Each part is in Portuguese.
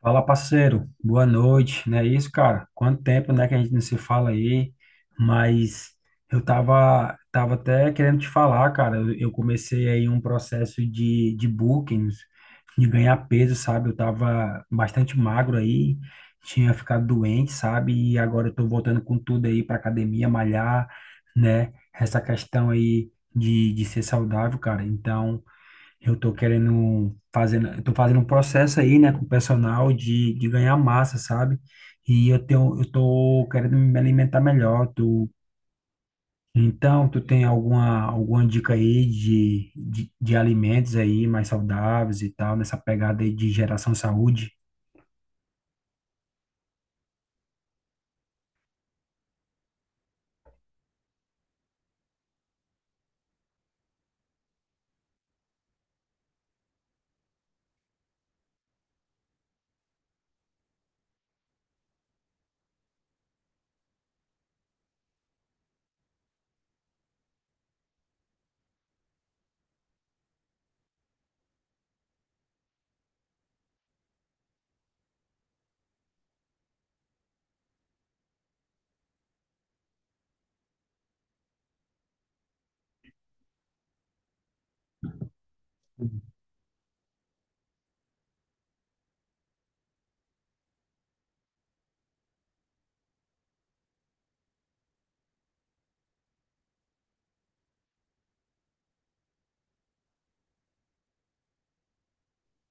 Fala, parceiro. Boa noite. Não é isso, cara? Quanto tempo, né, que a gente não se fala aí? Mas eu tava, até querendo te falar, cara. Eu comecei aí um processo de bookings, de ganhar peso, sabe? Eu tava bastante magro aí, tinha ficado doente, sabe? E agora eu tô voltando com tudo aí pra academia, malhar, né? Essa questão aí de ser saudável, cara. Então, eu tô fazendo um processo aí, né, com o personal de ganhar massa, sabe? E eu tô querendo me alimentar melhor. Tu, então, tu tem alguma dica aí de alimentos aí mais saudáveis e tal, nessa pegada aí de geração saúde?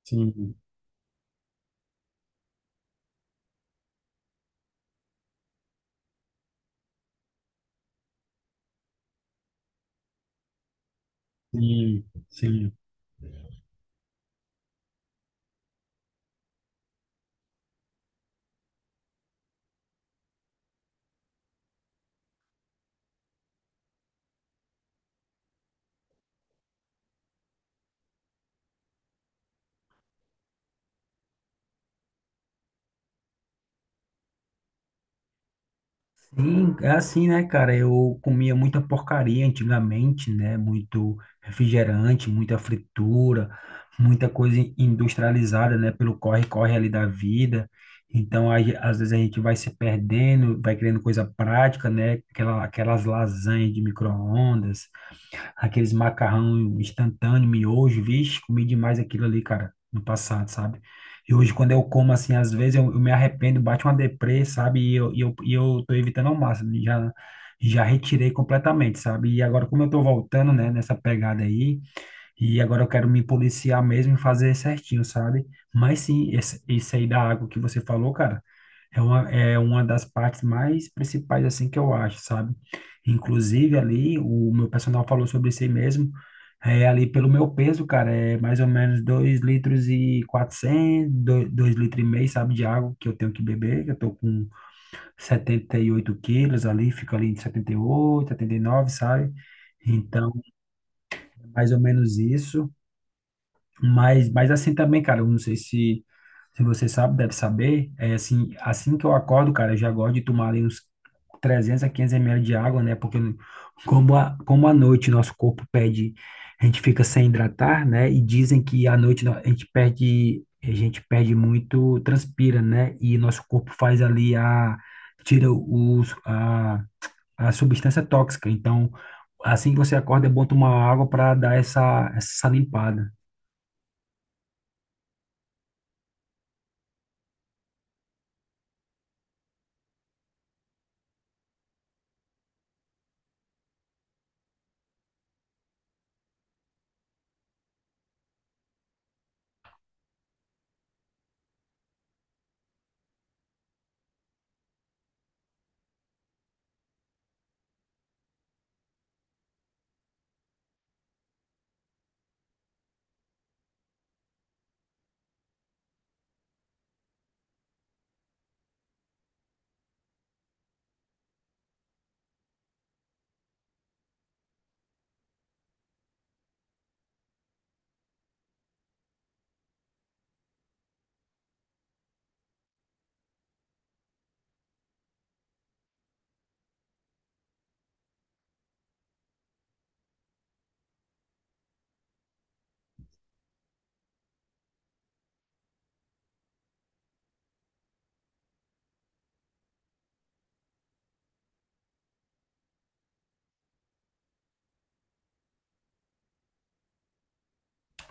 Sim, sim, sim. Sim, é assim, né, cara? Eu comia muita porcaria antigamente, né? Muito refrigerante, muita fritura, muita coisa industrializada, né? Pelo corre-corre ali da vida. Então, aí, às vezes a gente vai se perdendo, vai querendo coisa prática, né? Aquelas lasanhas de micro-ondas, aqueles macarrão instantâneo, miojo, vixe, comi demais aquilo ali, cara, no passado, sabe? E hoje, quando eu como, assim, às vezes eu me arrependo, bate uma deprê, sabe? E eu tô evitando ao máximo, já, já retirei completamente, sabe? E agora, como eu tô voltando, né, nessa pegada aí, e agora eu quero me policiar mesmo e fazer certinho, sabe? Mas sim, isso aí da água que você falou, cara, é uma das partes mais principais, assim, que eu acho, sabe? Inclusive ali, o meu personal falou sobre isso aí mesmo, é, ali pelo meu peso, cara, é mais ou menos 2,4 litros, 2,5 litros, sabe, de água que eu tenho que beber. Eu tô com 78 quilos ali, fico ali em 78, 79, sabe? Então, é mais ou menos isso. Mas assim também, cara, eu não sei se, se você sabe, deve saber. É assim, assim que eu acordo, cara, eu já gosto de tomar ali uns 300 a 500 ml de água, né? Porque como à noite nosso corpo pede, a gente fica sem hidratar, né? E dizem que à noite a gente perde muito, transpira, né? E nosso corpo faz ali tira a substância tóxica. Então, assim que você acorda, é bom tomar água para dar essa limpada.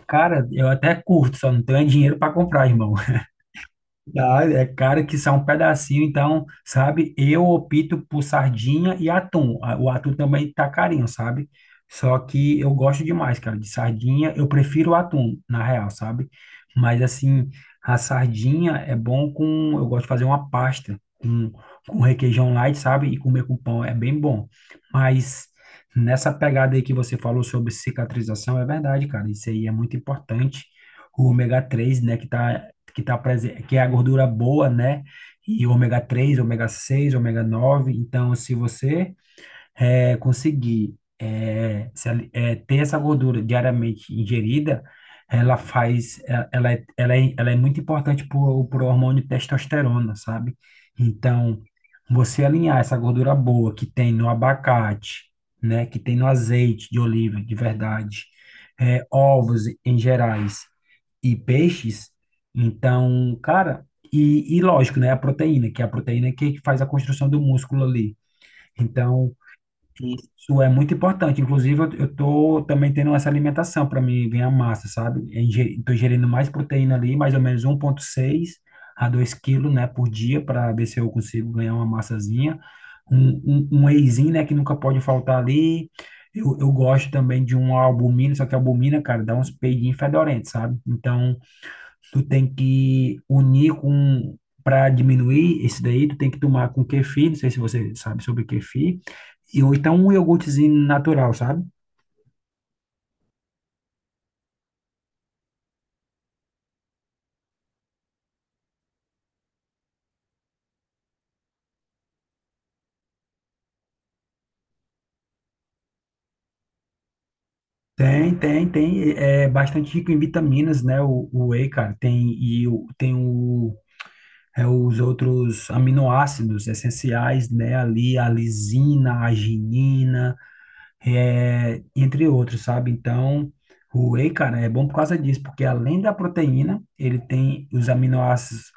Cara, eu até curto, só não tenho dinheiro pra comprar, irmão. Ah, é caro, que são um pedacinho, então, sabe? Eu opto por sardinha e atum. Ah, o atum também tá carinho, sabe? Só que eu gosto demais, cara, de sardinha. Eu prefiro o atum, na real, sabe? Mas, assim, a sardinha é bom com. Eu gosto de fazer uma pasta com requeijão light, sabe? E comer com pão é bem bom. Mas nessa pegada aí que você falou sobre cicatrização, é verdade, cara. Isso aí é muito importante. O ômega 3, né, que tá presente, que é a gordura boa, né? E ômega 3, ômega 6, ômega 9. Então, se você conseguir eh, se ali- eh, ter essa gordura diariamente ingerida, ela faz, ela é muito importante para o hormônio testosterona, sabe? Então, você alinhar essa gordura boa que tem no abacate, né? Que tem no azeite de oliva, de verdade, ovos em gerais e peixes. Então, cara, e lógico, né, a proteína, que é a proteína que faz a construção do músculo ali. Então, isso é muito importante. Inclusive, eu tô também tendo essa alimentação para mim ganhar massa, sabe? Estou ingerindo mais proteína ali, mais ou menos 1,6 a 2 quilos, né, por dia, para ver se eu consigo ganhar uma massazinha. Um wheyzinho, né, que nunca pode faltar ali. Eu gosto também de uma albumina, só que a albumina, cara, dá uns peidinhos fedorentes, sabe? Então, tu tem que unir com para diminuir esse daí, tu tem que tomar com kefir, não sei se você sabe sobre kefir, e ou então um iogurtezinho natural, sabe? Tem, tem, tem, é bastante rico em vitaminas, né? O whey, cara, tem os outros aminoácidos essenciais, né? Ali a lisina, a arginina, entre outros, sabe? Então, o whey, cara, é bom por causa disso, porque além da proteína, ele tem os aminoácidos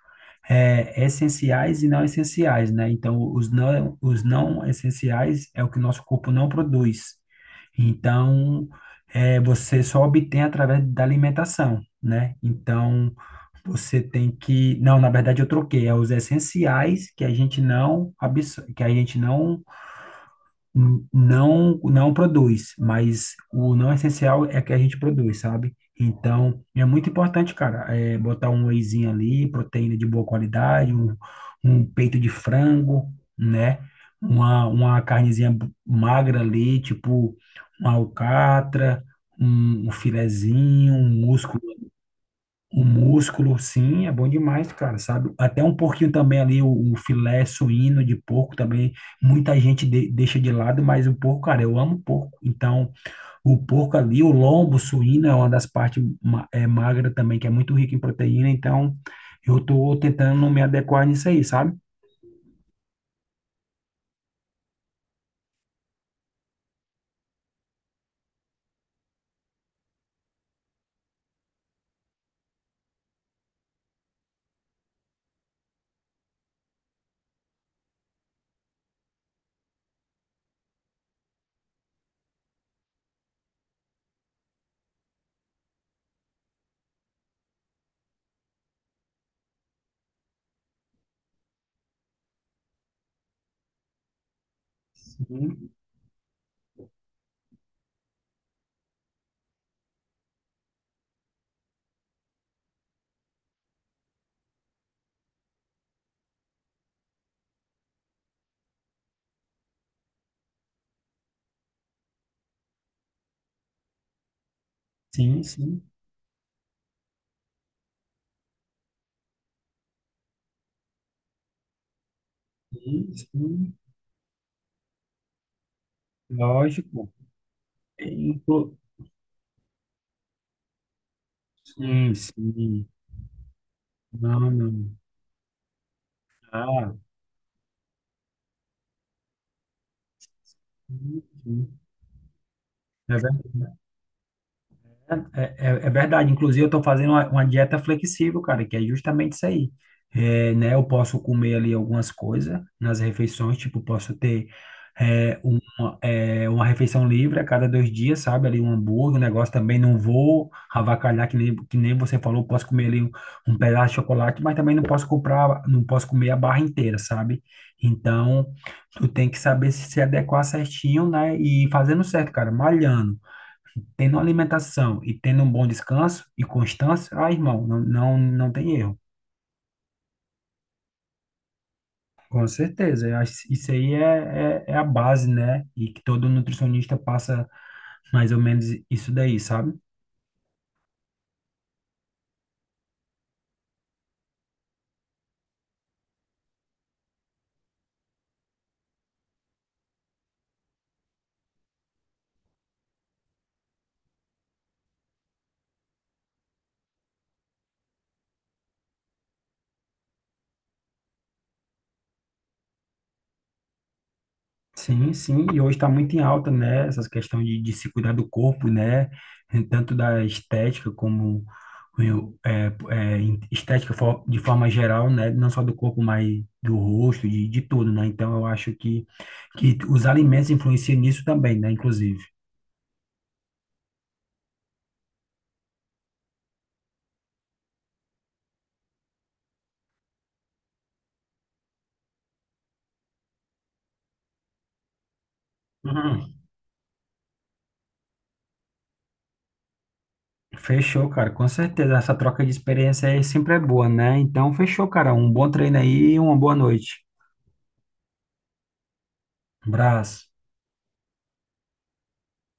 essenciais e não essenciais, né? Então, os não essenciais é o que o nosso corpo não produz. Então, você só obtém através da alimentação, né? Então, você tem que... Não, na verdade, eu troquei. É os essenciais que a gente não, absor- que a gente não produz, mas o não essencial é que a gente produz, sabe? Então, é muito importante, cara, botar um wheyzinho ali, proteína de boa qualidade, um peito de frango, né? Uma magra ali, tipo uma alcatra, um filezinho, um músculo. O músculo, sim, é bom demais, cara, sabe? Até um pouquinho também ali, o filé suíno de porco também, muita gente deixa de lado, mas o porco, cara, eu amo porco. Então, o porco ali, o lombo suíno é uma das partes magra também, que é muito rica em proteína, então eu tô tentando me adequar nisso aí, sabe? Sim, sim, sim, sim, sim, lógico. Inclu- Sim, sim, não, não. Ah, sim, sim. É verdade. É, é verdade. Inclusive, eu estou fazendo uma dieta flexível, cara, que é justamente isso aí. É, né, eu posso comer ali algumas coisas nas refeições, tipo, posso ter uma refeição livre a cada 2 dias, sabe? Ali um hambúrguer, um negócio também. Não vou avacalhar, que nem você falou, posso comer ali um pedaço de chocolate, mas também não posso comprar, não posso comer a barra inteira, sabe? Então, tu tem que saber se adequar certinho, né? E fazendo certo, cara, malhando. Tendo uma alimentação e tendo um bom descanso e constância, ah, irmão, não, não, não tem erro. Com certeza. Eu acho que isso aí é a base, né? E que todo nutricionista passa mais ou menos isso daí, sabe? Sim, sim, e hoje está muito em alta, né? Essas questões de se cuidar do corpo, né? Tanto da estética como eu, é, é, em- estética de forma geral, né? Não só do corpo, mas do rosto, de tudo, né? Então eu acho que os alimentos influenciam nisso também, né? Inclusive. Uhum. Fechou, cara, com certeza. Essa troca de experiência aí sempre é boa, né? Então fechou, cara. Um bom treino aí e uma boa noite. Abraço.